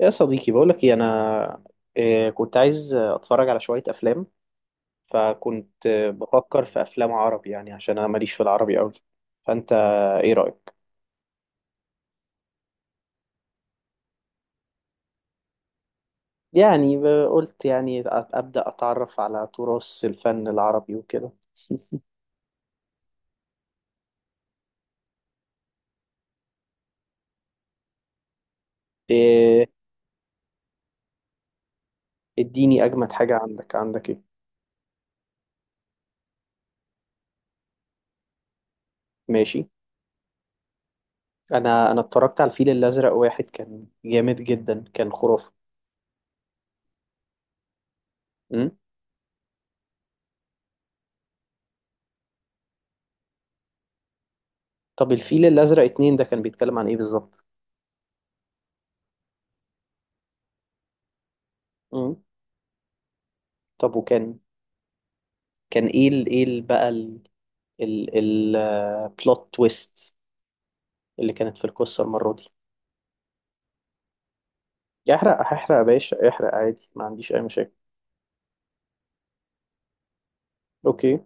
يا صديقي، بقولك ايه انا؟ إيه، كنت عايز اتفرج على شوية افلام. فكنت بفكر في افلام عربي، يعني عشان انا ماليش في العربي قوي. فانت ايه رأيك؟ يعني قلت يعني ابدأ اتعرف على تراث الفن العربي وكده. إيه؟ اديني اجمد حاجة. عندك عندك ايه؟ ماشي. انا اتفرجت على الفيل الازرق واحد، كان جامد جدا، كان خرافة. أمم. طب الفيل الازرق اتنين ده كان بيتكلم عن ايه بالظبط؟ أمم. طب وكان، كان ايه ال ايه بقى، البلوت تويست اللي كانت في القصة المرة دي؟ يحرق، هحرق يا باشا، احرق عادي، ما عنديش أي مشاكل. أوكي.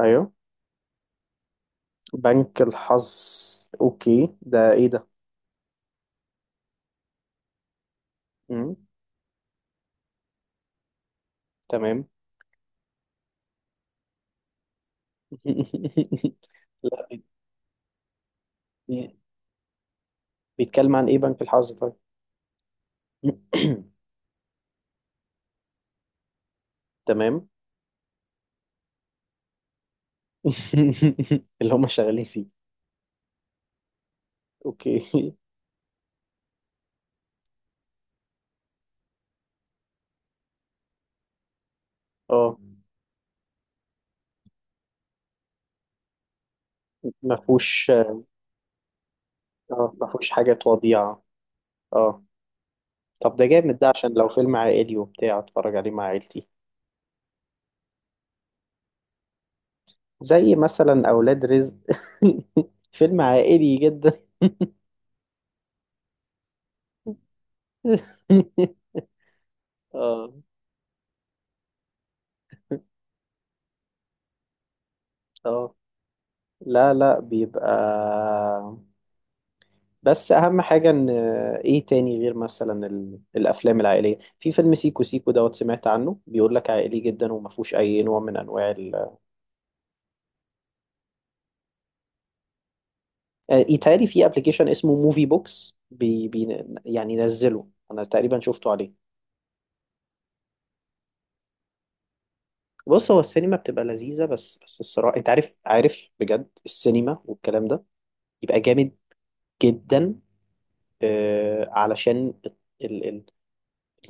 أيوه، بنك الحظ. أوكي، ده إيه ده؟ مم. تمام. لا بي- بيتكلم عن إيه بنك الحظ طيب؟ تمام. اللي هم شغالين فيه؟ أوكي. أه، ما فيهوش. اه ما فيهوش حاجات وضيعة. اه. طب ده جامد ده، عشان لو فيلم عائلي وبتاع اتفرج عليه مع عيلتي. زي مثلا أولاد رزق، فيلم عائلي جدا. اه. اه. لا لا، بيبقى، بس أهم حاجة إن، إيه تاني غير مثلا الأفلام العائلية؟ في فيلم سيكو سيكو دوت، سمعت عنه، بيقول لك عائلي جدا وما فيهوش أي نوع من أنواع آه، يتهيألي في أبلكيشن اسمه موفي بوكس يعني نزله أنا تقريبا، شفته عليه. بص، هو السينما بتبقى لذيذة، بس بس الصراحة أنت عارف، عارف بجد، السينما والكلام ده يبقى جامد جدا. آه، علشان ال-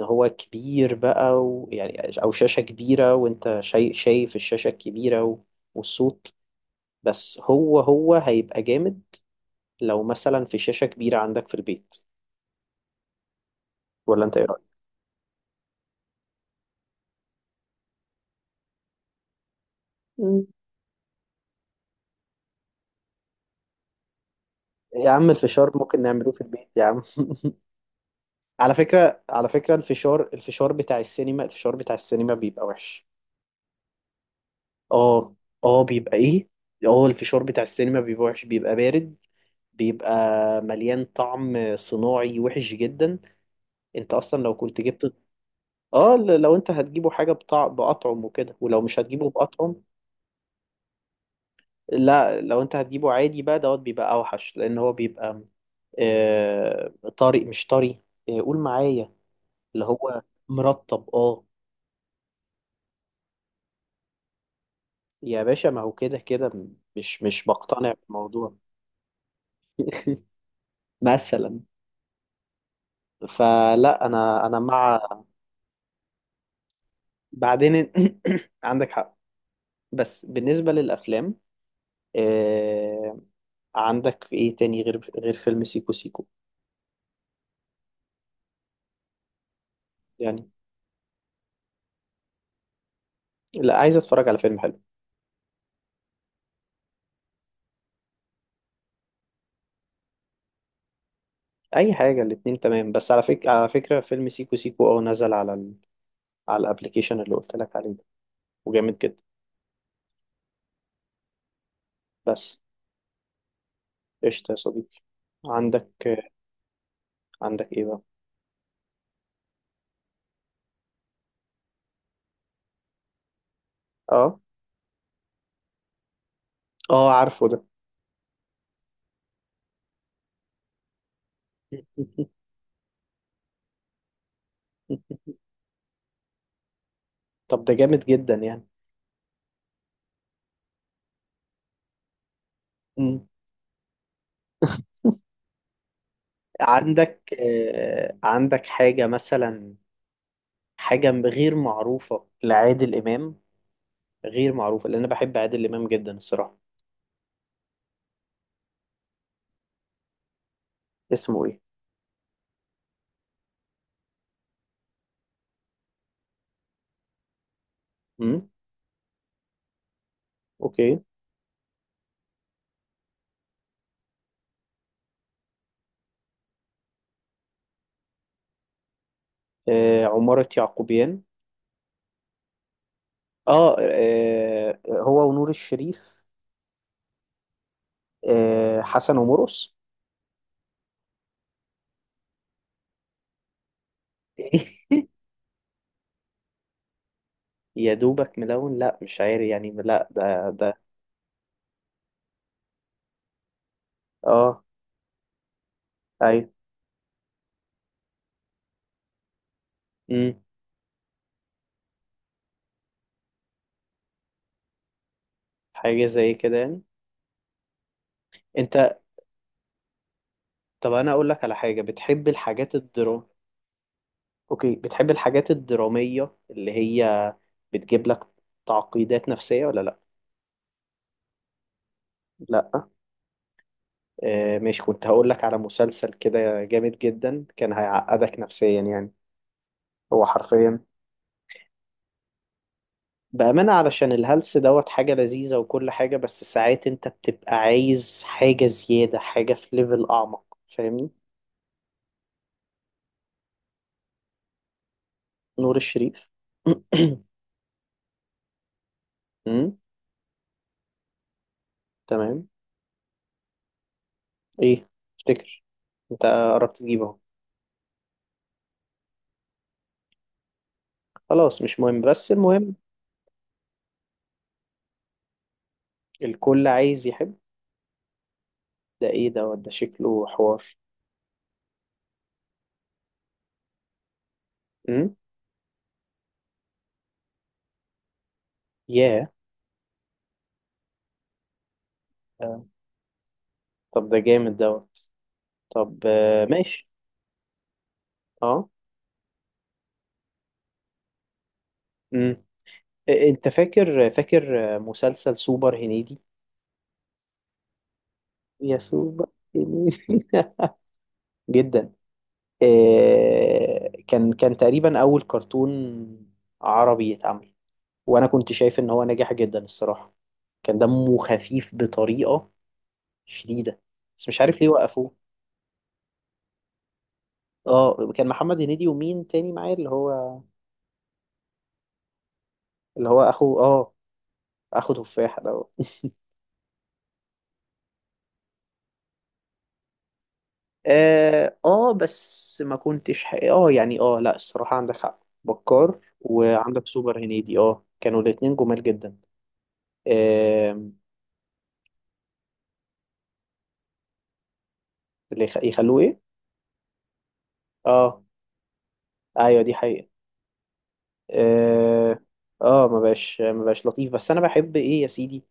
ان هو كبير بقى، ويعني او شاشة كبيرة وانت شايف الشاشة الكبيرة و، والصوت. بس هو هيبقى جامد لو مثلا في شاشة كبيرة عندك في البيت. ولا انت ايه رأيك؟ مم. يا عم الفشار ممكن نعملوه في البيت يا عم. على فكرة، على فكرة، الفشار، الفشار بتاع السينما، الفشار بتاع السينما بيبقى وحش. اه. اه بيبقى ايه. اه الفشار بتاع السينما بيبقى وحش، بيبقى بارد، بيبقى مليان طعم صناعي وحش جدا. انت اصلا لو كنت جبت، اه، لو انت هتجيبه حاجه باطعم وكده، ولو مش هتجيبه باطعم. لا لو انت هتجيبه عادي بقى دوت بيبقى اوحش، لان هو بيبقى طري، مش طري. قول معايا، اللي هو مرطب، اه. يا باشا، ما هو كده كده، مش بقتنع بالموضوع. مثلا. فلا انا مع، بعدين. عندك حق. بس بالنسبه للافلام، آه، عندك ايه تاني غير غير فيلم سيكو سيكو؟ يعني، لا، عايز اتفرج على فيلم حلو. اي حاجه، الاتنين تمام. بس على فكره، على فكره، فيلم سيكو سيكو اه نزل على على الابليكيشن اللي قلت لك عليه ده، وجامد جدا. بس قشطه يا صديقي. عندك، عندك ايه بقى؟ اه. اه عارفه ده. طب ده جامد جدا يعني. مم. عندك عندك حاجة مثلا، حاجة غير معروفة لعادل إمام؟ غير معروفة لأن أنا بحب عادل إمام جدا الصراحة. اسمه ايه؟ امم. اوكي. آه، عمارة يعقوبيان؟ اه، آه، هو ونور الشريف. آه حسن ومرقص؟ يا دوبك ملون؟ لا مش عارف يعني. لا ده ده. اه. ايوه. امم. حاجة زي كده يعني؟ انت، طب انا اقول لك على حاجة. بتحب الحاجات الدرام؟ اوكي، بتحب الحاجات الدرامية اللي هي بتجيب لك تعقيدات نفسية ولا لا؟ لا. آه ماشي، كنت هقول لك على مسلسل كده جامد جدا، كان هيعقدك نفسيا يعني، هو حرفيا، بأمانة، علشان الهلس دوت حاجة لذيذة وكل حاجة، بس ساعات انت بتبقى عايز حاجة زيادة، حاجة في ليفل أعمق، فاهمني. نور الشريف. أمم، تمام. ايه، افتكر، انت قربت تجيبه اهو. خلاص مش مهم، بس المهم. الكل عايز يحب. ده ايه دوت؟ ده شكله حوار. امم. ياه. آه، طب ده جامد دوت. طب آه، ماشي. اه. امم. إيه، انت فاكر، فاكر مسلسل سوبر هنيدي؟ يسوع بقى يعني. جدا. آه، كان تقريبا اول كرتون عربي يتعمل، وانا كنت شايف ان هو ناجح جدا الصراحه، كان دمه خفيف بطريقه شديده، بس مش عارف ليه وقفوه. اه كان محمد هنيدي ومين تاني معايا؟ اللي هو، اللي هو اخو، اه، اخو تفاح ده. اه اه، بس ما كنتش اه يعني، اه لا، الصراحه عندك حق، بكار وعندك سوبر هنيدي، اه، كانوا الاتنين جمال جدا. اللي يخلوه ايه؟ اه. ايوه دي حقيقة. اه. اه ما بقاش، ما بقاش لطيف، بس انا بحب ايه يا سيدي،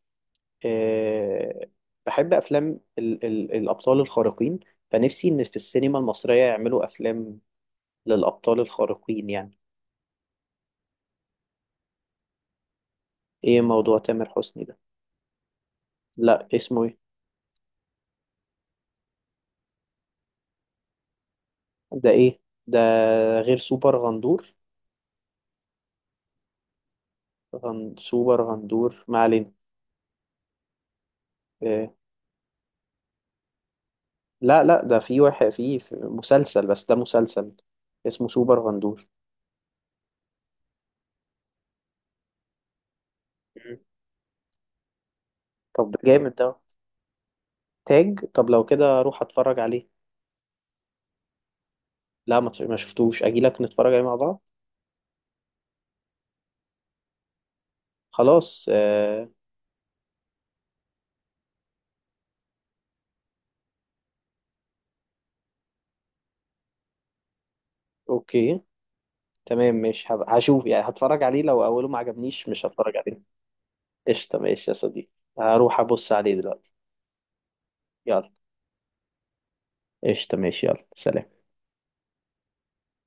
آه، بحب افلام ال الابطال الخارقين. فنفسي ان في السينما المصرية يعملوا افلام للابطال الخارقين يعني. ايه موضوع تامر حسني ده؟ لا اسمه ايه؟ ده ايه ده غير سوبر غندور؟ غن سوبر غندور ما علينا. آه لا لا، ده في واحد في في مسلسل، بس ده مسلسل اسمه سوبر غندور. طب ده جامد ده. تاج؟ طب لو كده اروح اتفرج عليه. لا ما شفتوش، اجي لك نتفرج عليه مع بعض. خلاص آه. اوكي. تمام، مش هشوف يعني، هتفرج عليه، لو اوله ما عجبنيش مش هتفرج عليه. قشطة، ماشي يا صديقي، هروح ابص عليه دلوقتي. يلا، قشطة، ماشي، يلا سلام.